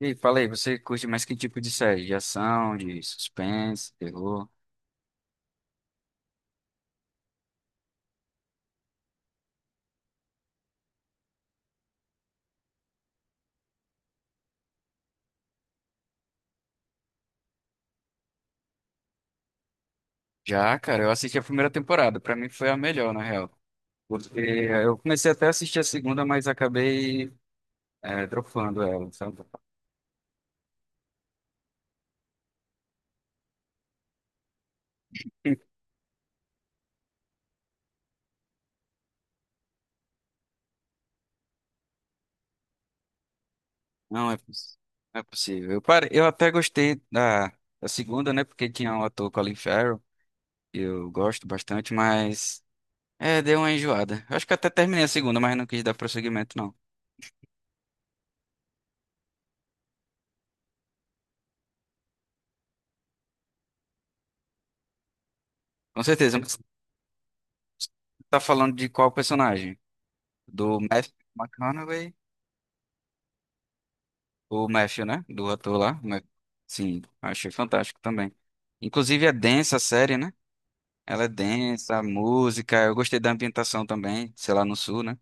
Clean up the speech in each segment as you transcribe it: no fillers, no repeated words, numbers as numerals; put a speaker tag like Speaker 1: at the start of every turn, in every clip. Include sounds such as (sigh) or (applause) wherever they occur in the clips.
Speaker 1: E aí, fala aí, você curte mais que tipo de série? De ação, de suspense, terror? Já, cara, eu assisti a primeira temporada. Pra mim foi a melhor, na real. Porque eu comecei até a assistir a segunda, mas acabei dropando ela, sabe? Não é, poss- não é possível. Eu até gostei da segunda, né? Porque tinha o ator Colin Farrell, que eu gosto bastante, mas deu uma enjoada. Eu acho que até terminei a segunda, mas não quis dar prosseguimento, não. Com certeza, mas você tá falando de qual personagem? Do Matthew McConaughey? O Matthew, né? Do ator lá. Sim, achei fantástico também. Inclusive é densa a série, né? Ela é densa, a música. Eu gostei da ambientação também, sei lá, no sul, né?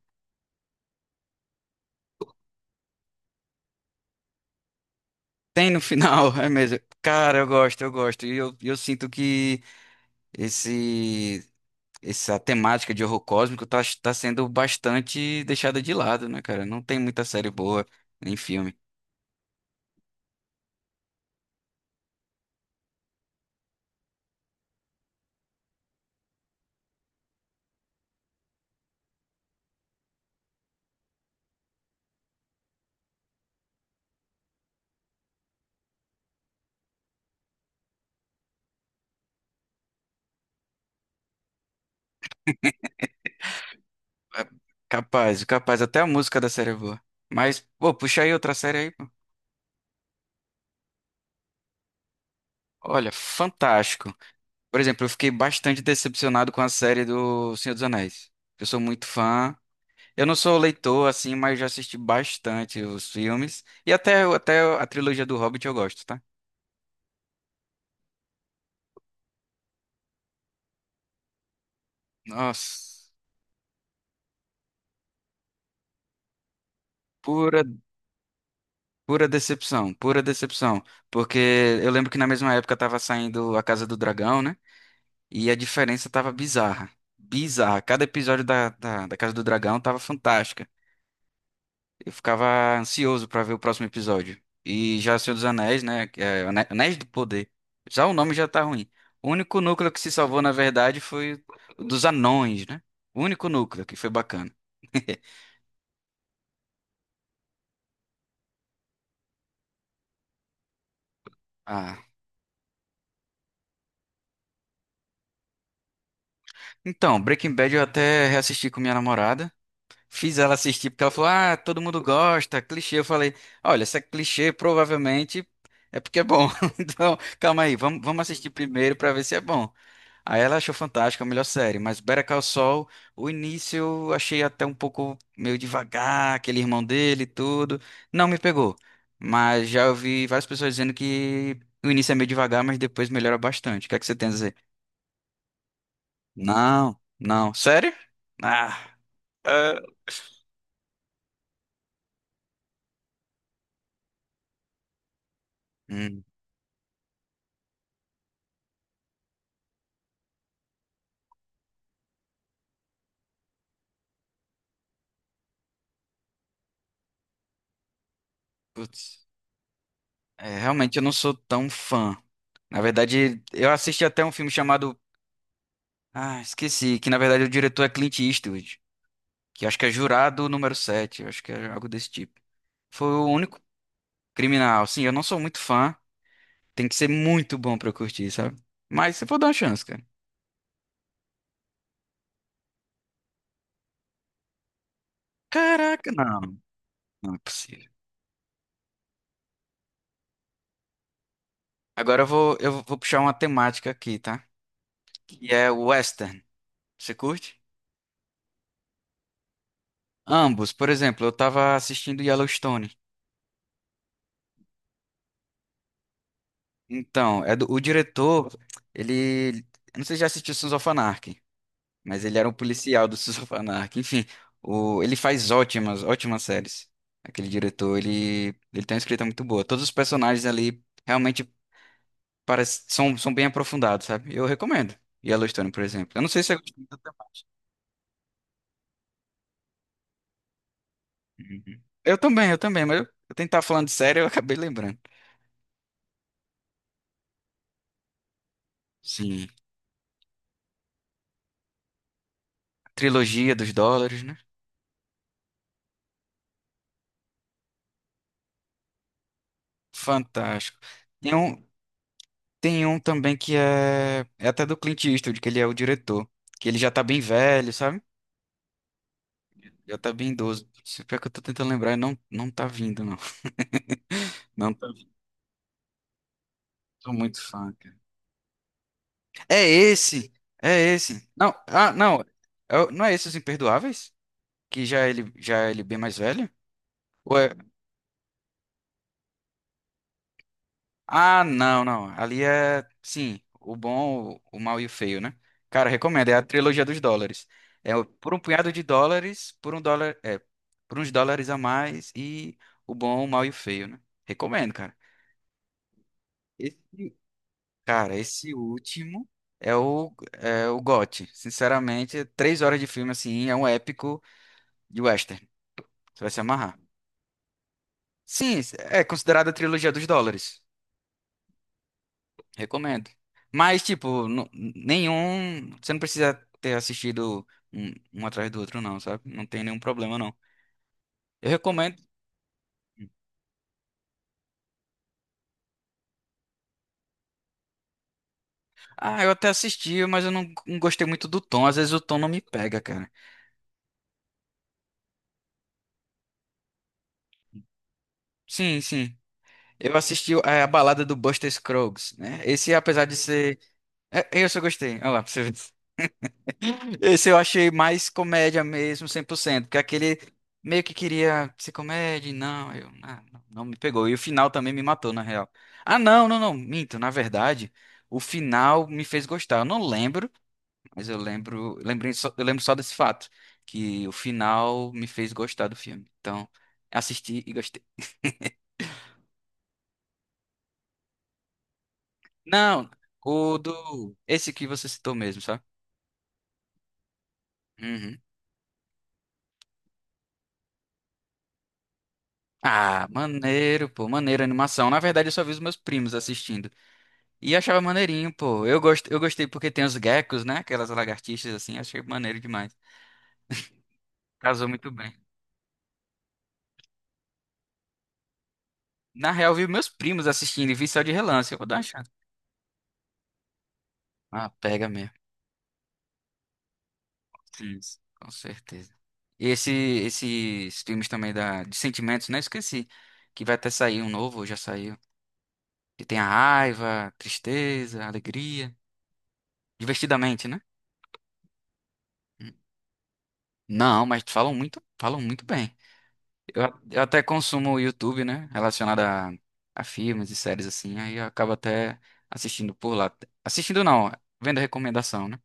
Speaker 1: Tem no final, (laughs) é mesmo. Cara, eu gosto, eu gosto. E eu sinto que esse, essa temática de horror cósmico tá sendo bastante deixada de lado, né, cara? Não tem muita série boa, nem filme. É, capaz, capaz, até a música da série é boa. Mas, pô, puxa aí outra série aí, pô. Olha, fantástico. Por exemplo, eu fiquei bastante decepcionado com a série do Senhor dos Anéis. Eu sou muito fã. Eu não sou leitor, assim, mas já assisti bastante os filmes. E até a trilogia do Hobbit eu gosto, tá? Nossa, pura, pura decepção, pura decepção. Porque eu lembro que na mesma época tava saindo A Casa do Dragão, né? E a diferença tava bizarra. Bizarra. Cada episódio da Casa do Dragão tava fantástica. Eu ficava ansioso pra ver o próximo episódio. E já Senhor dos Anéis, né? Que é Anéis do Poder. Já o nome já tá ruim. O único núcleo que se salvou, na verdade, foi o dos anões, né? O único núcleo que foi bacana. (laughs) Ah, então, Breaking Bad eu até reassisti com minha namorada. Fiz ela assistir porque ela falou: "Ah, todo mundo gosta, clichê." Eu falei: "Olha, se é clichê, provavelmente é porque é bom." (laughs) Então, calma aí, vamos assistir primeiro pra ver se é bom. Aí ela achou fantástica, a melhor série, mas Better Call Saul, o início eu achei até um pouco meio devagar, aquele irmão dele e tudo, não me pegou. Mas já ouvi várias pessoas dizendo que o início é meio devagar, mas depois melhora bastante. O que é que você tem a dizer? Não, não. Sério? Ah, é, hum, putz. É, realmente eu não sou tão fã. Na verdade, eu assisti até um filme chamado... Ah, esqueci, que na verdade o diretor é Clint Eastwood. Que acho que é jurado número 7, acho que é algo desse tipo. Foi o único criminal, sim. Eu não sou muito fã, tem que ser muito bom pra eu curtir, sabe? Mas você pode dar uma chance, cara. Caraca, não, não é possível. Agora eu vou puxar uma temática aqui, tá? Que é o western. Você curte? Ambos, por exemplo, eu tava assistindo Yellowstone. Então, é do, o diretor, ele, eu não sei se já assistiu Sons of Anarchy. Mas ele era um policial do (laughs) Sons of Anarchy. Enfim, o, ele faz ótimas séries. Aquele diretor, ele tem uma escrita muito boa. Todos os personagens ali realmente parece, são, são bem aprofundados, sabe? Eu recomendo. Yellowstone, por exemplo. Eu não sei se eu gostei tanto. Uhum. Eu também, mas eu tentar falando de série, eu acabei lembrando. Sim. Trilogia dos dólares, né? Fantástico. Tem um, tem um também que é, é até do Clint Eastwood, que ele é o diretor. Que ele já tá bem velho, sabe? Já tá bem idoso. Se pior que eu tô tentando lembrar, não, não tá vindo, não. Não tá vindo. Tô muito fã, cara. É esse! É esse! Não, ah, não. É o- não é esse Os Imperdoáveis? Que já é ele bem mais velho? Ou é... Ah, não, não. Ali é, sim, o bom, o mau e o feio, né? Cara, recomendo. É a trilogia dos dólares. É o- por um punhado de dólares, por um dólar, é, por uns dólares a mais e o bom, o mau e o feio, né? Recomendo, cara. Esse cara, esse último é o, é o GOT. Sinceramente, três horas de filme, assim, é um épico de western. Você vai se amarrar. Sim, é considerada a trilogia dos dólares. Recomendo. Mas, tipo, nenhum. Você não precisa ter assistido um, um atrás do outro, não, sabe? Não tem nenhum problema, não. Eu recomendo. Ah, eu até assisti, mas eu não gostei muito do tom. Às vezes o tom não me pega, cara. Sim, sim. Eu assisti é, a balada do Buster Scruggs, né? Esse, apesar de ser é, esse eu gostei. Olha lá, pra você ver. Esse eu achei mais comédia mesmo, 100%. Porque aquele meio que queria ser comédia, e não, eu, ah, não, não me pegou. E o final também me matou, na real. Ah, não, não, não, minto. Na verdade, o final me fez gostar. Eu não lembro, mas eu lembro, lembrei só, eu lembro só desse fato, que o final me fez gostar do filme. Então, assisti e gostei. Não, o do, esse que você citou mesmo, sabe? Uhum. Ah, maneiro, pô, maneiro a animação. Na verdade, eu só vi os meus primos assistindo. E achava maneirinho, pô. Eu gostei porque tem os geckos, né? Aquelas lagartixas assim, achei maneiro demais. Casou muito bem. Na real, vi meus primos assistindo e vi só de relance. Eu vou dar uma chance. Ah, pega mesmo. Sim, com certeza. E esse, esses filmes também da... de sentimentos, né? Esqueci. Que vai até sair um novo, já saiu. Que tem a raiva, tristeza, alegria. Divertidamente, né? Hum. Não, mas falam muito bem. Eu até consumo o YouTube, né? Relacionado a filmes e séries assim. Aí eu acabo até assistindo por lá. Assistindo não, vendo recomendação, né?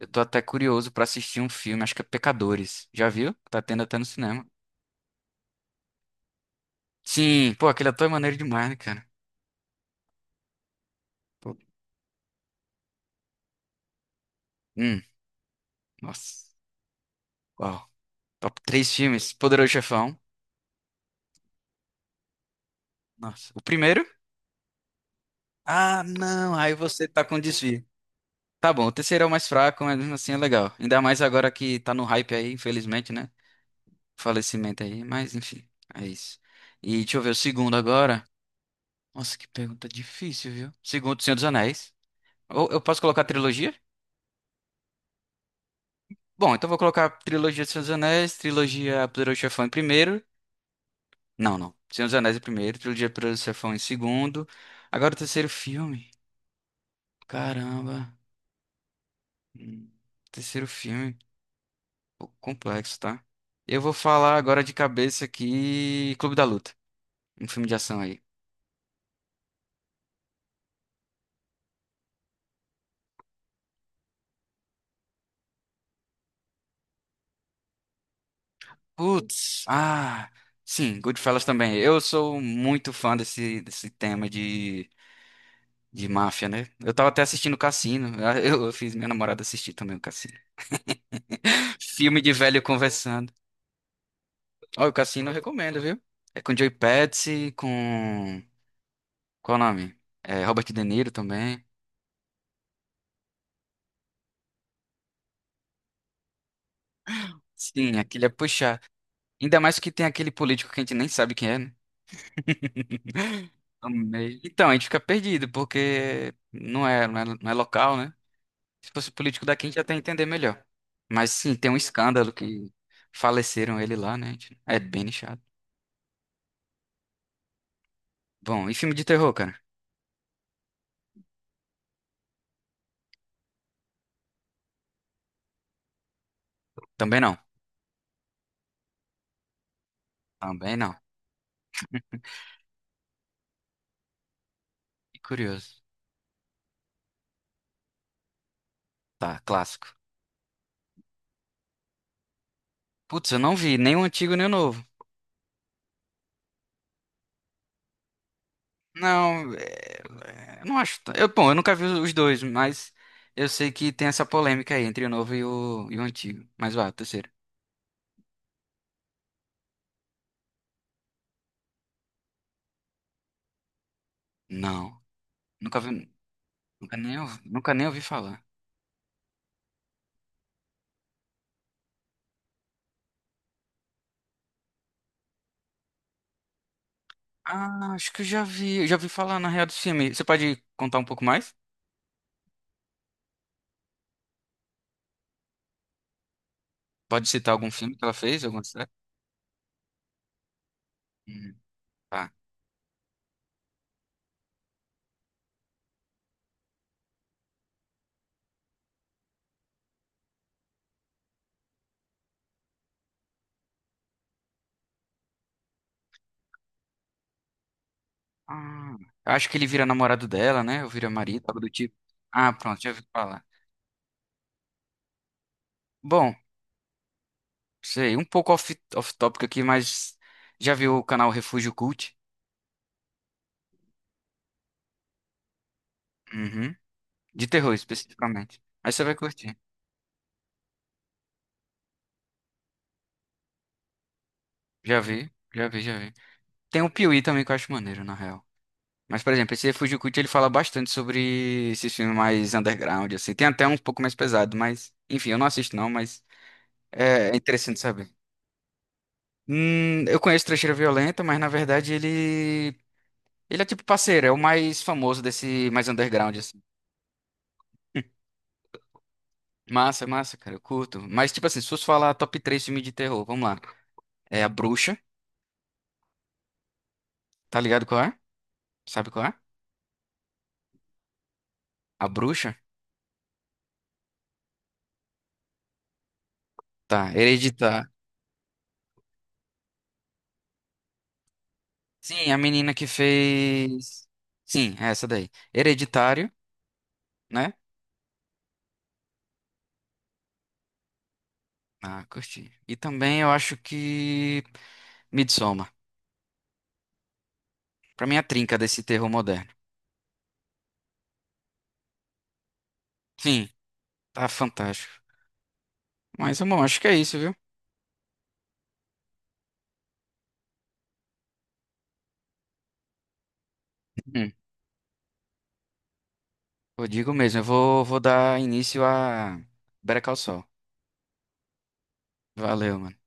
Speaker 1: Eu tô até curioso pra assistir um filme, acho que é Pecadores. Já viu? Tá tendo até no cinema. Sim, pô, aquele ator é maneiro demais, né, cara? Pô, hum, nossa. Uau. Top três filmes. Poderoso Chefão. Nossa. O primeiro? Ah, não. Aí você tá com desvio. Tá bom, o terceiro é o mais fraco, mas mesmo assim é legal. Ainda mais agora que tá no hype aí, infelizmente, né? Falecimento aí, mas enfim, é isso. E deixa eu ver o segundo agora. Nossa, que pergunta difícil, viu? Segundo, Senhor dos Anéis. Ou eu posso colocar trilogia? Bom, então vou colocar trilogia do Senhor dos Anéis, trilogia Poderoso Chefão em primeiro. Não, não. Senhor dos Anéis em primeiro, trilogia Poderoso Chefão em segundo. Agora o terceiro filme. Caramba. Hum, Terceiro filme. Um pouco complexo, tá? Eu vou falar agora de cabeça aqui Clube da Luta. Um filme de ação aí. Putz, ah, sim, Goodfellas também. Eu sou muito fã desse tema de máfia, né? Eu tava até assistindo o Cassino. Ah, (laughs) Eu fiz minha namorada assistir também o Cassino. Filme de velho conversando. Ó, o Cassino eu recomendo, viu? É com Joey Pesci, com... Qual o nome? É, Robert De Niro também. Sim, aquele é puxar. Ainda mais que tem aquele político que a gente nem sabe quem é, né? Amei. Então, a gente fica perdido, porque não é local, né? Se fosse político daqui, a gente ia até entender melhor. Mas sim, tem um escândalo que faleceram ele lá, né? A gente? É bem nichado. Bom, e filme de terror, cara? Também não. Também não. Que curioso. Tá, clássico. Putz, eu não vi nem o antigo nem o novo. Não, é, é, não acho. Eu, bom, eu nunca vi os dois, mas eu sei que tem essa polêmica aí entre o novo e o antigo. Mas vá, o terceiro. Não, nunca vi, nunca nem ouvi falar. Ah, acho que eu já vi falar na real do filme. Você pode contar um pouco mais? Pode citar algum filme que ela fez? Alguma série? Hum, tá. Ah, eu acho que ele vira namorado dela, né? Ou vira marido, algo do tipo. Ah, pronto, já ouvi falar. Bom, sei, um pouco off, off-topic aqui, mas já viu o canal Refúgio Cult? Uhum. De terror, especificamente. Aí você vai curtir. Já vi, já vi, já vi. Tem o Piuí também que eu acho maneiro, na real. Mas, por exemplo, esse Refúgio Cult, ele fala bastante sobre esses filmes mais underground, assim. Tem até um pouco mais pesado, mas... Enfim, eu não assisto não, mas é interessante saber. Eu conheço Trecheira Violenta, mas na verdade ele. Ele é tipo parceiro, é o mais famoso desse mais underground, assim. Massa, massa, cara, eu curto. Mas, tipo assim, se fosse falar top 3 filme de terror, vamos lá. É A Bruxa, tá ligado qual é? Sabe qual é? A Bruxa? Tá, Hereditar. Sim, a menina que fez. Sim, é essa daí. Hereditário, né? Ah, curti. E também eu acho que. Midsommar. Pra mim, é a trinca desse terror moderno. Sim, tá fantástico. Mas, bom, acho que é isso, viu? Hum. Eu digo mesmo, eu vou dar início a Better Call Saul. Valeu, mano.